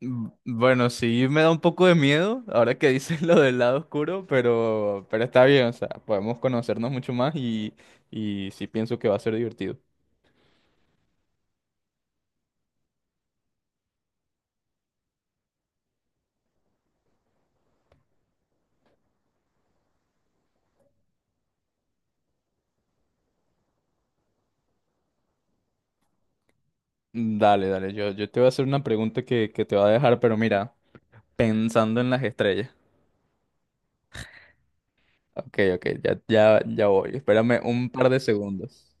Mm, bueno, sí me da un poco de miedo ahora que dices lo del lado oscuro, pero está bien, o sea, podemos conocernos mucho más y sí pienso que va a ser divertido. Mm, dale, dale, yo te voy a hacer una pregunta que te va a dejar, pero mira, pensando en las estrellas. Ok, ok, ya, ya, ya voy, espérame un par de segundos.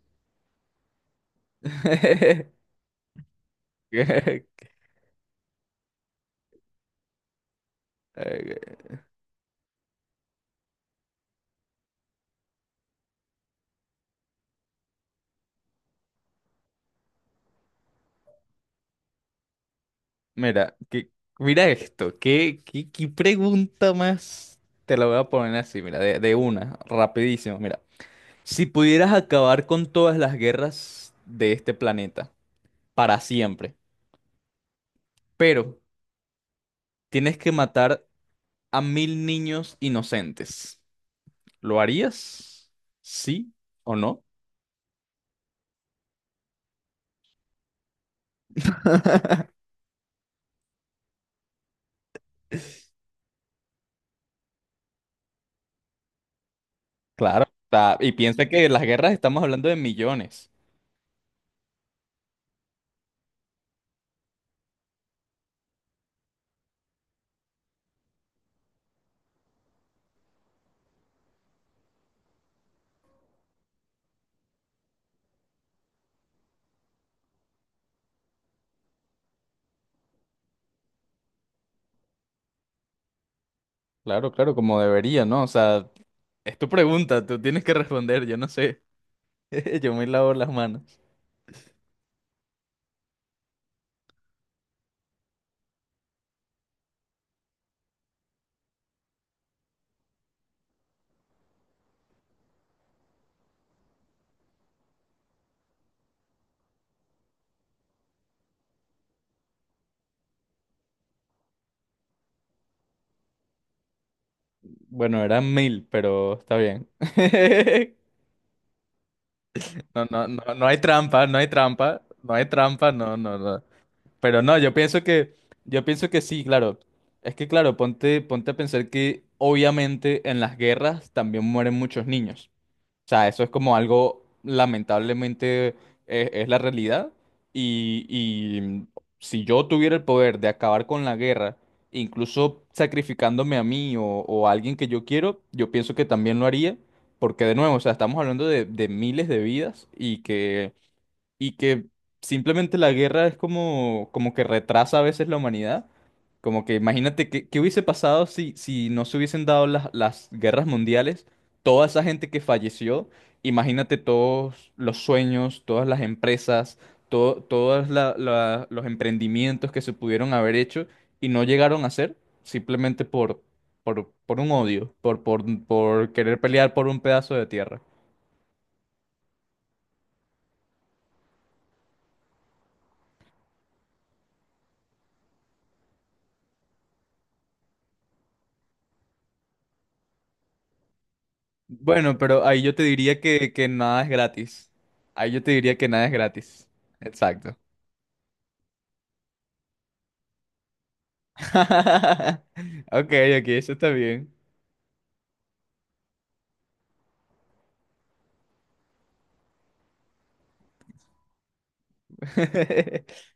Eh, Mira, mira esto, ¿qué pregunta más? Te la voy a poner así, mira, de una, rapidísimo, mira. Si pudieras acabar con todas las guerras de este planeta, para siempre, pero tienes que matar a 1.000 niños inocentes, ¿lo harías? ¿Sí o no? Claro. Y piensa que las guerras, estamos hablando de millones. Claro, claro, como debería, ¿no? O sea, es tu pregunta, tú tienes que responder, yo no sé. Yo me lavo las manos. Bueno, eran 1.000, pero está bien. No, no, no, no hay trampa, no hay trampa, no hay trampa, no, no, no. Pero no, yo pienso que sí, claro. Es que claro, ponte a pensar que obviamente en las guerras también mueren muchos niños. O sea, eso es como algo, lamentablemente, es, la realidad. Y si yo tuviera el poder de acabar con la guerra, incluso sacrificándome a mí o a alguien que yo quiero, yo pienso que también lo haría. Porque de nuevo, o sea, estamos hablando de miles de vidas y que y que simplemente la guerra es como que retrasa a veces la humanidad. Como que imagínate qué hubiese pasado si no se hubiesen dado las guerras mundiales, toda esa gente que falleció, imagínate todos los sueños, todas las empresas, todo, todos los emprendimientos que se pudieron haber hecho y no llegaron a hacer simplemente por un odio, por querer pelear por un pedazo de tierra. Bueno, pero ahí yo te diría que nada es gratis. Ahí yo te diría que nada es gratis. Exacto. Ok, ok, eso está bien.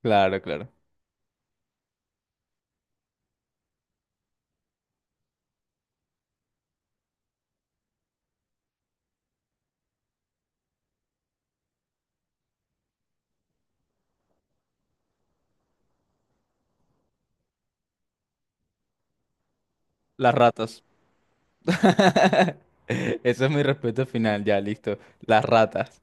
Claro, claro. Las ratas. Eso es mi respeto final, ya, listo. Las ratas.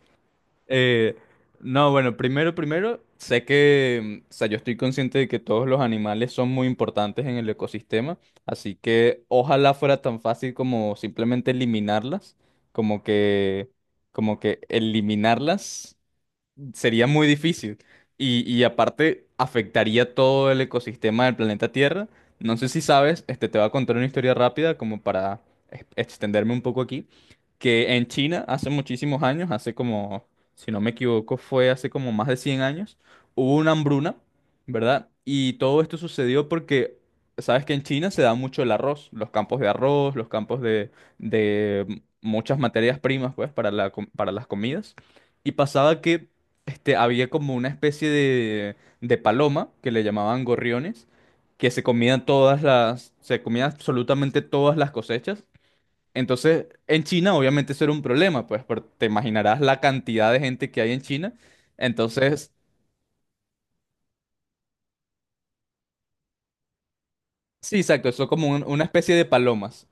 Eh, no, bueno, primero, sé que, o sea, yo estoy consciente de que todos los animales son muy importantes en el ecosistema, así que ojalá fuera tan fácil como simplemente eliminarlas, como que, como que eliminarlas sería muy difícil. Y aparte, afectaría todo el ecosistema del planeta Tierra. No sé si sabes, este, te voy a contar una historia rápida como para extenderme un poco aquí. Que en China, hace muchísimos años, hace como, si no me equivoco, fue hace como más de 100 años, hubo una hambruna, ¿verdad? Y todo esto sucedió porque, sabes que en China se da mucho el arroz, los campos de arroz, los campos de, muchas materias primas, pues, para para las comidas. Y pasaba que este, había como una especie de paloma que le llamaban gorriones, que se comían absolutamente todas las cosechas. Entonces, en China obviamente eso era un problema, pues te imaginarás la cantidad de gente que hay en China. Entonces, sí, exacto, son como una especie de palomas.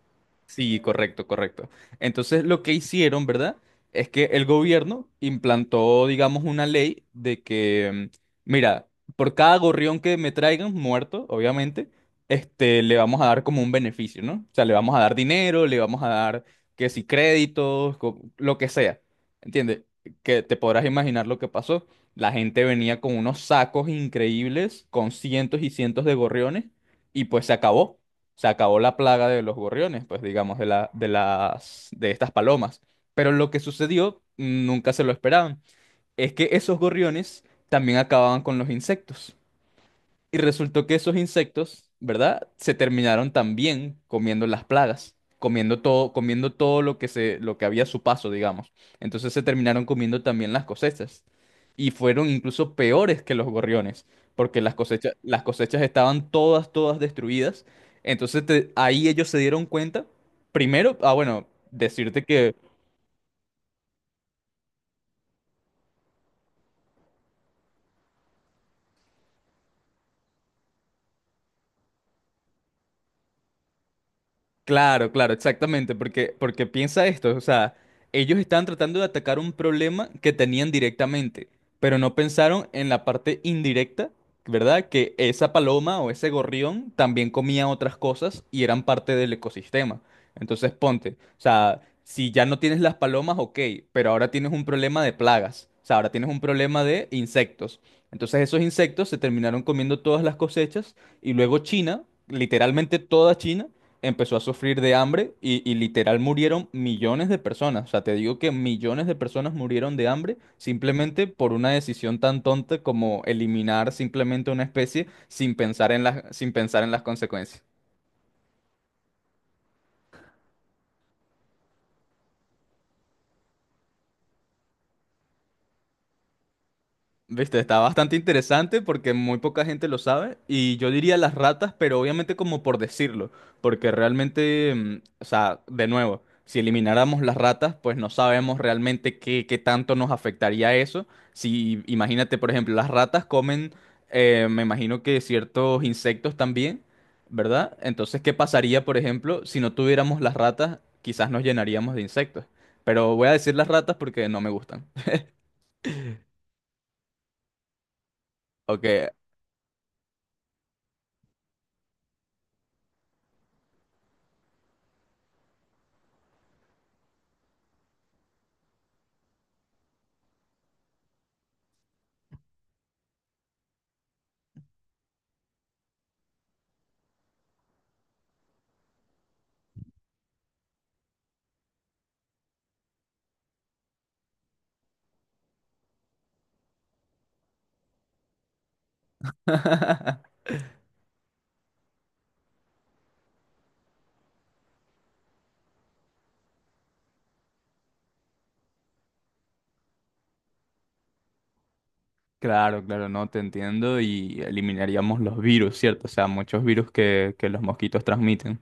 Sí, correcto, correcto. Entonces lo que hicieron, ¿verdad? Es que el gobierno implantó, digamos, una ley de que, mira, por cada gorrión que me traigan, muerto, obviamente, este, le vamos a dar como un beneficio, ¿no? O sea, le vamos a dar dinero, le vamos a dar, que si créditos, lo que sea. ¿Entiendes? Que te podrás imaginar lo que pasó. La gente venía con unos sacos increíbles, con cientos y cientos de gorriones y pues se acabó. Se acabó la plaga de los gorriones, pues digamos, de la, de las, de estas palomas. Pero lo que sucedió, nunca se lo esperaban, es que esos gorriones también acababan con los insectos. Y resultó que esos insectos, ¿verdad? Se terminaron también comiendo las plagas, comiendo todo lo que había a su paso, digamos. Entonces se terminaron comiendo también las cosechas. Y fueron incluso peores que los gorriones, porque las cosechas estaban todas, todas destruidas. Entonces ahí ellos se dieron cuenta, primero, ah, bueno, decirte que. Claro, claro, exactamente, porque piensa esto, o sea, ellos estaban tratando de atacar un problema que tenían directamente, pero no pensaron en la parte indirecta, ¿verdad? Que esa paloma o ese gorrión también comía otras cosas y eran parte del ecosistema. Entonces, ponte, o sea, si ya no tienes las palomas, ok, pero ahora tienes un problema de plagas, o sea, ahora tienes un problema de insectos. Entonces, esos insectos se terminaron comiendo todas las cosechas y luego China, literalmente toda China, empezó a sufrir de hambre y literal murieron millones de personas. O sea, te digo que millones de personas murieron de hambre simplemente por una decisión tan tonta como eliminar simplemente una especie sin pensar en las consecuencias. Viste, está bastante interesante porque muy poca gente lo sabe y yo diría las ratas, pero obviamente como por decirlo, porque realmente, o sea, de nuevo, si elimináramos las ratas, pues no sabemos realmente qué tanto nos afectaría eso. Si imagínate, por ejemplo, las ratas comen, me imagino que ciertos insectos también, ¿verdad? Entonces, ¿qué pasaría, por ejemplo, si no tuviéramos las ratas? Quizás nos llenaríamos de insectos, pero voy a decir las ratas porque no me gustan. Ok. Claro, claro, no te entiendo y eliminaríamos los virus, ¿cierto? O sea, muchos virus que los mosquitos transmiten.